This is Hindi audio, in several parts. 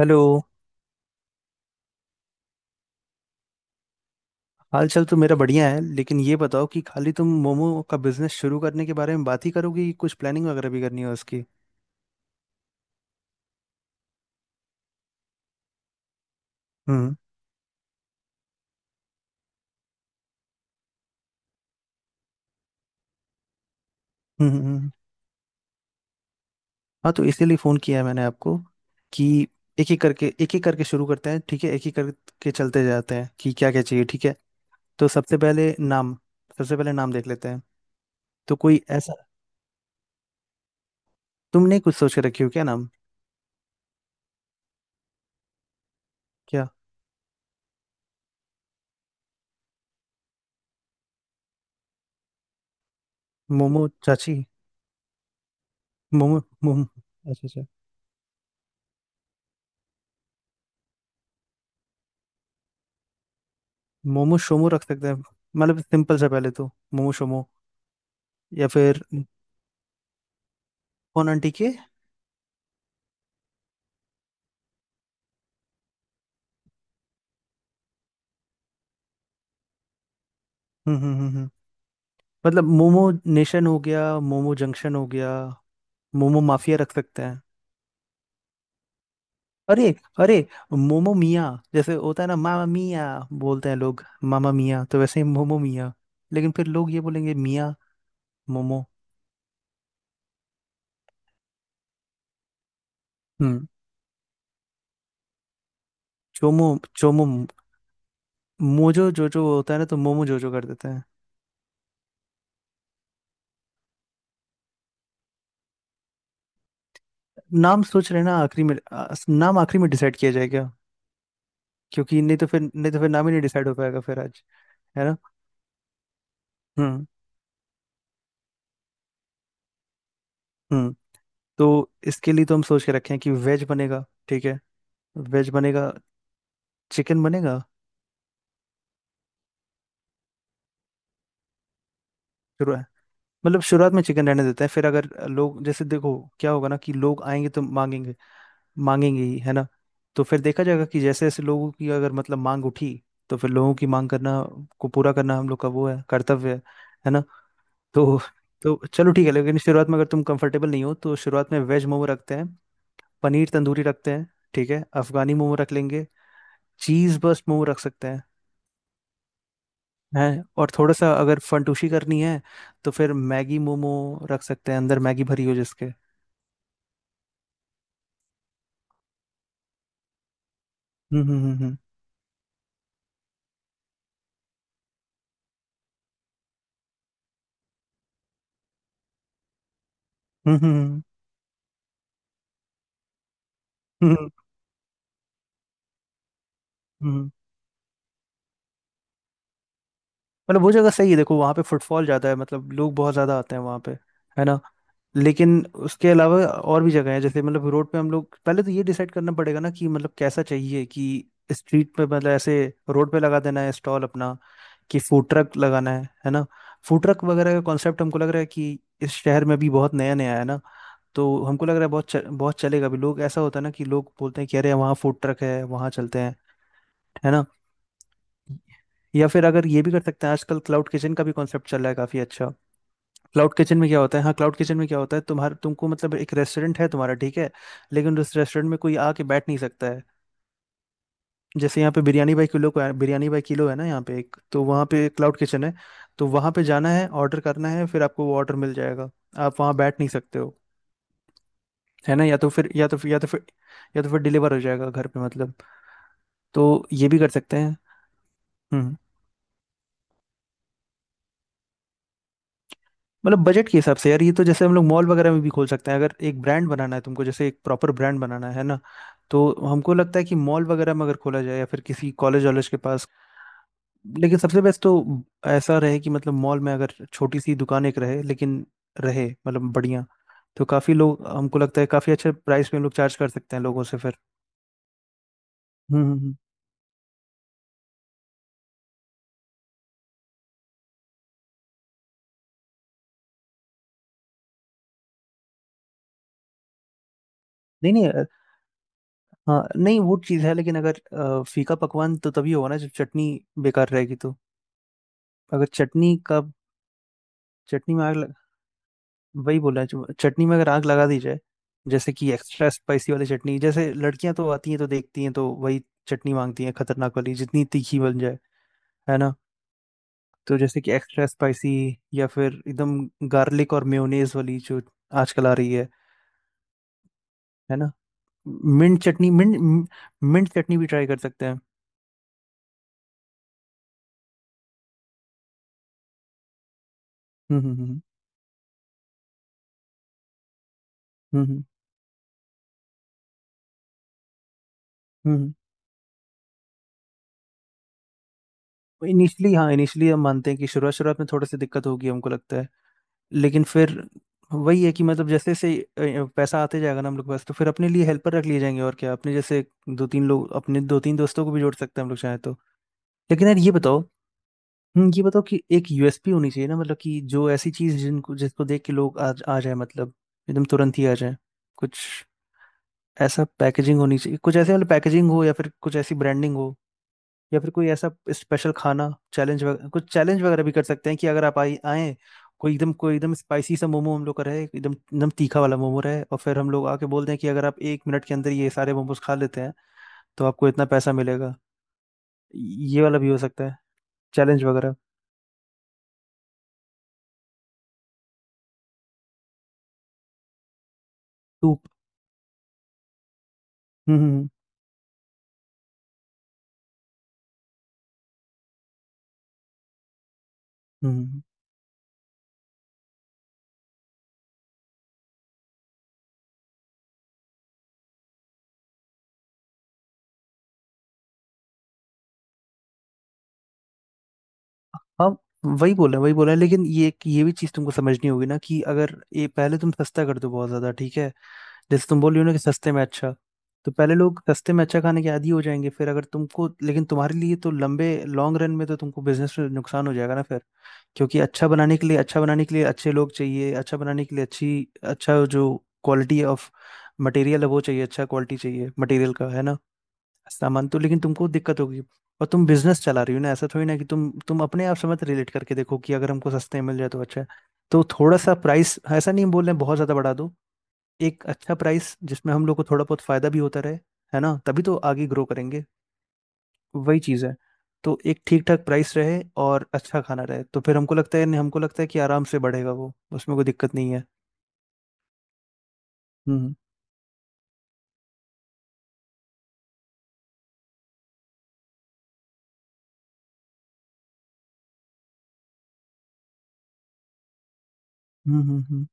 हेलो। हाल चाल तो मेरा बढ़िया है, लेकिन ये बताओ कि खाली तुम मोमो का बिजनेस शुरू करने के बारे में बात ही करोगे कि कुछ प्लानिंग वगैरह भी करनी है उसकी। हम्म हम्म हम्म। हम्म। हाँ, तो इसीलिए फ़ोन किया है मैंने आपको कि एक एक करके शुरू करते हैं। ठीक है, एक ही करके चलते जाते हैं कि क्या क्या चाहिए। ठीक है, तो सबसे पहले नाम, देख लेते हैं। तो कोई ऐसा, तुमने कुछ सोच के रखी हो क्या नाम? क्या मोमो चाची? मोमो मोमो। अच्छा अच्छा, मोमो शोमो रख सकते हैं। मतलब सिंपल सा, पहले तो मोमो शोमो, या फिर कौन आंटी के? हम्म हम्म हम्म। मतलब मोमो नेशन हो गया, मोमो जंक्शन हो गया, मोमो माफिया रख सकते हैं। अरे, अरे, मोमो मिया! जैसे होता है ना मामा मिया, बोलते हैं लोग मामा मिया, तो वैसे ही मोमो मिया। लेकिन फिर लोग ये बोलेंगे मिया मोमो। हम्म। चोमो, चोमो, मोजो जोजो होता है ना, तो मोमो जोजो कर देते हैं। नाम सोच रहे हैं ना, आखिरी में नाम आखिरी में डिसाइड किया जाएगा। क्योंकि नहीं तो फिर नाम ही नहीं डिसाइड हो पाएगा फिर आज। है ना? हम्म हम्म। तो इसके लिए तो हम सोच के रखे हैं कि वेज बनेगा, ठीक है? वेज बनेगा, चिकन बनेगा। शुरू मतलब शुरुआत में चिकन रहने देते हैं, फिर अगर लोग, जैसे देखो क्या होगा ना कि लोग आएंगे तो मांगेंगे। मांगेंगे ही, है ना? तो फिर देखा जाएगा कि जैसे जैसे लोगों की अगर मतलब मांग उठी, तो फिर लोगों की मांग करना को पूरा करना हम लोग का वो है, कर्तव्य है। है ना? तो तो चलो ठीक है, लेकिन शुरुआत में अगर तुम कंफर्टेबल नहीं हो तो शुरुआत में वेज मोमो रखते हैं, पनीर तंदूरी रखते हैं, ठीक है? अफगानी मोमो रख लेंगे, चीज बस्ट मोमो रख सकते हैं। है? और थोड़ा सा अगर फंटूशी करनी है तो फिर मैगी मोमो रख सकते हैं, अंदर मैगी भरी हो जिसके। हम्म हम्म हम्म हम्म हम्म हम्म, हम्म, हम्म। हम्म। मतलब वो जगह सही है, देखो वहाँ पे फुटफॉल ज़्यादा है, मतलब लोग बहुत ज़्यादा आते हैं वहाँ पे। है ना? लेकिन उसके अलावा और भी जगह है, जैसे मतलब रोड पे, हम लोग पहले तो ये डिसाइड करना पड़ेगा ना कि मतलब कैसा चाहिए कि स्ट्रीट पे, मतलब ऐसे रोड पे लगा देना है स्टॉल अपना, कि फूड ट्रक लगाना है। है ना? फूड ट्रक वगैरह का कॉन्सेप्ट हमको लग रहा है कि इस शहर में भी बहुत नया नया है, ना? तो हमको लग रहा है बहुत बहुत चलेगा अभी। लोग, ऐसा होता है ना कि लोग बोलते हैं कि अरे वहाँ फूड ट्रक है, वहाँ चलते हैं। है ना? या फिर अगर ये भी कर सकते हैं, आजकल क्लाउड किचन का भी कॉन्सेप्ट चल रहा है काफी अच्छा। क्लाउड किचन में क्या होता है, हाँ, क्लाउड किचन में क्या होता है, तुम्हारे तुमको मतलब एक रेस्टोरेंट है तुम्हारा, ठीक है? लेकिन उस रेस्टोरेंट में कोई आके बैठ नहीं सकता है। जैसे यहाँ पे बिरयानी बाई किलो को, बिरयानी बाई किलो है ना यहाँ पे एक, तो वहाँ पे क्लाउड किचन है। तो वहाँ पे जाना है, ऑर्डर करना है, फिर आपको वो ऑर्डर मिल जाएगा, आप वहाँ बैठ नहीं सकते हो। है ना? या तो फिर या तो फिर या तो फिर या तो फिर डिलीवर हो जाएगा घर पे, मतलब। तो ये भी कर सकते हैं। हम्म। मतलब बजट के हिसाब से यार, ये तो जैसे हम लोग मॉल वगैरह में भी खोल सकते हैं, अगर एक ब्रांड बनाना है तुमको, जैसे एक प्रॉपर ब्रांड बनाना है ना। तो हमको लगता है कि मॉल वगैरह में अगर खोला जाए, या फिर किसी कॉलेज वॉलेज के पास। लेकिन सबसे बेस्ट तो ऐसा रहे कि मतलब मॉल में अगर छोटी सी दुकान एक रहे, लेकिन रहे मतलब बढ़िया। तो काफ़ी लोग, हमको लगता है काफ़ी अच्छे प्राइस पे हम लोग चार्ज कर सकते हैं लोगों से फिर। हम्म हम्म, हम्म। नहीं नहीं, हाँ नहीं वो चीज़ है लेकिन अगर फीका पकवान तो तभी होगा ना जब चटनी बेकार रहेगी तो। अगर चटनी का, चटनी में आग लग, वही बोला है जो, चटनी में अगर आग लगा दी जाए, जैसे कि एक्स्ट्रा स्पाइसी वाली चटनी, जैसे लड़कियां तो आती हैं, तो देखती हैं तो वही चटनी मांगती हैं, खतरनाक वाली, जितनी तीखी बन जाए। है ना? तो जैसे कि एक्स्ट्रा स्पाइसी, या फिर एकदम गार्लिक और मेयोनेज वाली जो आजकल आ रही है। है ना? Mint chutney, mint mint chutney भी ट्राई कर सकते हैं। हम्म हम्म हम्म हम्म हम्म हम्म, हम्म। इनिशियली, हाँ इनिशियली हम मानते हैं कि शुरुआत, शुरुआत में थोड़ी सी दिक्कत होगी, हमको लगता है। लेकिन फिर वही है कि मतलब जैसे जैसे पैसा आते जाएगा ना हम लोग के पास, तो फिर अपने लिए हेल्पर रख लिए जाएंगे, और क्या, अपने जैसे दो तीन लोग, अपने दो तीन दोस्तों को भी जोड़ सकते हैं हम लोग चाहे तो। लेकिन यार ये बताओ, ये बताओ कि एक यूएसपी होनी चाहिए ना, मतलब कि जो ऐसी चीज जिनको जिसको देख के लोग आ जाए, मतलब एकदम तुरंत ही आ जाए। कुछ ऐसा पैकेजिंग होनी चाहिए, कुछ ऐसे वाला पैकेजिंग हो, या फिर कुछ ऐसी ब्रांडिंग हो, या फिर कोई ऐसा स्पेशल खाना चैलेंज वगैरह, कुछ चैलेंज वगैरह भी कर सकते हैं कि अगर आप आए आए, कोई एकदम, स्पाइसी सा मोमो हम लोग का रहे, एकदम, एकदम तीखा वाला मोमो रहे, और फिर हम लोग आके बोल दें कि अगर आप एक मिनट के अंदर ये सारे मोमोज खा लेते हैं, तो आपको इतना पैसा मिलेगा। ये वाला भी हो सकता है, चैलेंज वगैरह। टू, हम्म हम्म हम्म। हम्म, हम्म। हाँ वही बोल रहे हैं, लेकिन ये भी चीज़ तुमको समझनी होगी ना कि अगर ये, पहले तुम सस्ता कर दो बहुत ज़्यादा, ठीक है? जैसे तुम बोल रही हो ना कि सस्ते में अच्छा, तो पहले लोग सस्ते में अच्छा खाने के आदी हो जाएंगे, फिर अगर तुमको, लेकिन तुम्हारे लिए तो लंबे लॉन्ग रन में तो तुमको बिजनेस में नुकसान हो जाएगा ना फिर। क्योंकि अच्छा बनाने के लिए, अच्छे लोग चाहिए, अच्छा बनाने के लिए अच्छी, अच्छा जो क्वालिटी ऑफ मटेरियल है वो चाहिए, अच्छा क्वालिटी चाहिए मटेरियल का। है ना? सामान तो, लेकिन तुमको दिक्कत होगी। और तुम बिजनेस चला रही हो ना, ऐसा थोड़ी ना कि तुम अपने आप से मत रिलेट करके देखो कि अगर हमको सस्ते में मिल जाए तो अच्छा है। तो थोड़ा सा प्राइस, ऐसा नहीं बोल रहे हैं बहुत ज़्यादा बढ़ा दो, एक अच्छा प्राइस जिसमें हम लोग को थोड़ा बहुत फायदा भी होता रहे। है ना, तभी तो आगे ग्रो करेंगे। वही चीज़ है। तो एक ठीक ठाक प्राइस रहे और अच्छा खाना रहे, तो फिर हमको लगता है, नहीं हमको लगता है कि आराम से बढ़ेगा वो, उसमें कोई दिक्कत नहीं है। हम्म हम्म हम्म हम्म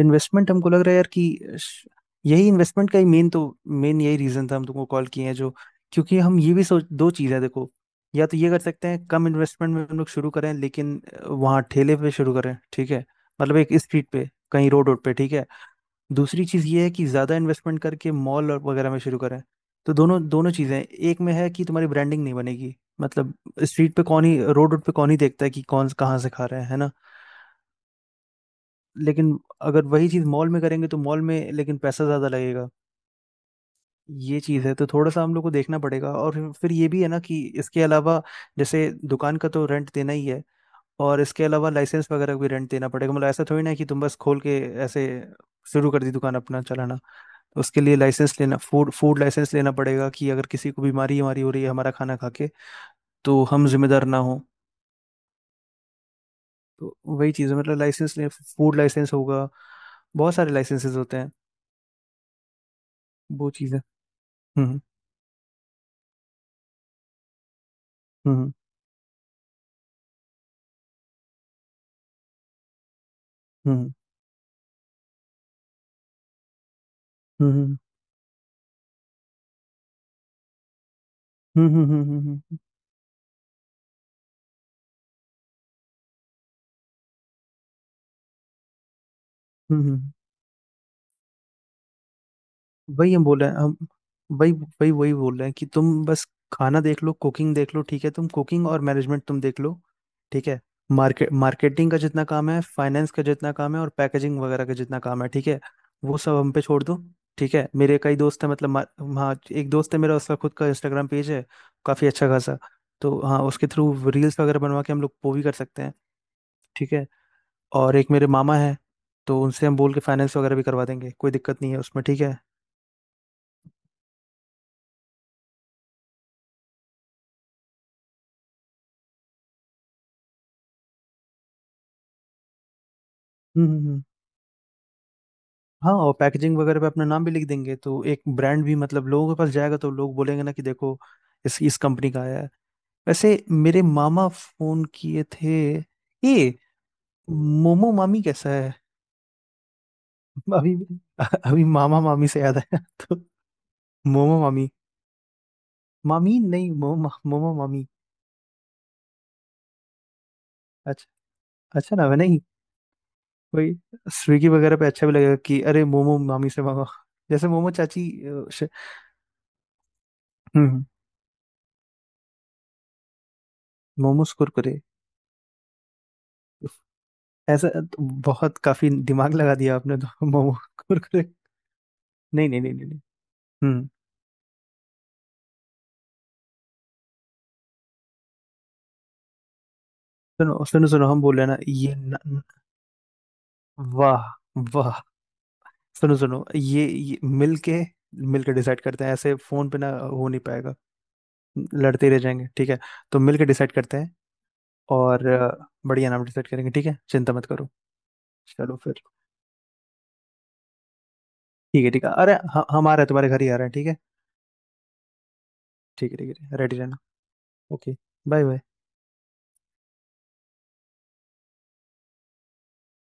इन्वेस्टमेंट हमको लग रहा है यार कि श- यही इन्वेस्टमेंट का ही मेन तो, मेन यही रीजन था हम तुमको कॉल किए हैं जो। क्योंकि हम ये भी सोच, दो चीज़ है देखो, या तो ये कर सकते हैं कम इन्वेस्टमेंट में हम लोग शुरू करें, लेकिन वहाँ ठेले पे शुरू करें, ठीक है? मतलब एक स्ट्रीट पे, कहीं रोड, रोड पे ठीक है। दूसरी चीज़ ये है कि ज़्यादा इन्वेस्टमेंट करके मॉल और वगैरह में शुरू करें। तो दोनों दोनों चीज़ें हैं। एक में है कि तुम्हारी ब्रांडिंग नहीं बनेगी, मतलब स्ट्रीट पे कौन ही, रोड, रोड पे कौन ही देखता है कि कौन कहाँ से खा रहा है। है ना? लेकिन अगर वही चीज़ मॉल में करेंगे तो मॉल में लेकिन पैसा ज़्यादा लगेगा। ये चीज़ है, तो थोड़ा सा हम लोग को देखना पड़ेगा। और फिर, ये भी है ना कि इसके अलावा, जैसे दुकान का तो रेंट देना ही है, और इसके अलावा लाइसेंस वगैरह भी रेंट देना पड़ेगा। मतलब ऐसा थोड़ी ना है कि तुम बस खोल के ऐसे शुरू कर दी दुकान, अपना चलाना। उसके लिए लाइसेंस लेना, फूड फूड लाइसेंस लेना पड़ेगा, कि अगर किसी को बीमारी हमारी हो रही है हमारा खाना खा के, तो हम जिम्मेदार ना हो। तो वही चीज़ है, मतलब लाइसेंस ले, फूड लाइसेंस होगा। बहुत सारे लाइसेंसेस होते हैं, वो चीज़ें। हम्म हम्म हम्म हम्म हम्म हम्म हम्म हम्म हम्म हम्म हम्म, हम्म, वही हम बोल रहे हैं, हम वही, वही वही बोल रहे हैं कि तुम बस खाना देख लो, कुकिंग देख लो, ठीक है? तुम कुकिंग और मैनेजमेंट तुम देख लो, ठीक है? मार्केट, मार्केटिंग का जितना काम है, फाइनेंस का जितना काम है, और पैकेजिंग वगैरह का जितना काम है, ठीक है, वो सब हम पे छोड़ दो। ठीक है, मेरे कई दोस्त हैं, मतलब हाँ एक दोस्त है मेरा, उसका खुद का इंस्टाग्राम पेज है, काफ़ी अच्छा खासा। तो हाँ, उसके थ्रू रील्स वगैरह बनवा के हम लोग वो भी कर सकते हैं, ठीक है? और एक मेरे मामा है, तो उनसे हम बोल के फाइनेंस वगैरह भी करवा देंगे, कोई दिक्कत नहीं है उसमें, ठीक है? हम्म हम्म, हम्म। हाँ, और पैकेजिंग वगैरह पे अपना नाम भी लिख देंगे, तो एक ब्रांड भी मतलब लोगों के पास जाएगा, तो लोग बोलेंगे ना कि देखो इस कंपनी का आया है। वैसे मेरे मामा फोन किए थे, ये मोमो मामी कैसा है? अभी, मामा मामी से याद आया। तो मोमो मामी। मामी नहीं, मोमो, मामी। अच्छा, अच्छा नाम है नहीं? वही स्विगी वगैरह पे अच्छा भी लगेगा कि अरे मोमो मामी से मांगो, जैसे मोमो चाची। अ, श- हम्म, मोमोज कुरकुरे, ऐसा तो बहुत काफी दिमाग लगा दिया आपने तो। मोमो कुरकुरे? नहीं नहीं नहीं नहीं नहीं। हम्म। सुनो सुनो सुनो, हम बोल रहे हैं ना, ये न, न- वाह, वाह। सुनो सुनो, ये मिल के, डिसाइड करते हैं, ऐसे फोन पे ना हो नहीं पाएगा, लड़ते रह जाएंगे, ठीक है? तो मिल के डिसाइड करते हैं, और बढ़िया नाम डिसाइड करेंगे, ठीक है, चिंता मत करो। चलो फिर, ठीक है ठीक है, अरे हम आ रहे हैं, तुम्हारे घर ही आ रहे हैं, ठीक है? ठीक है ठीक है, रेडी रहना। Okay, bye bye.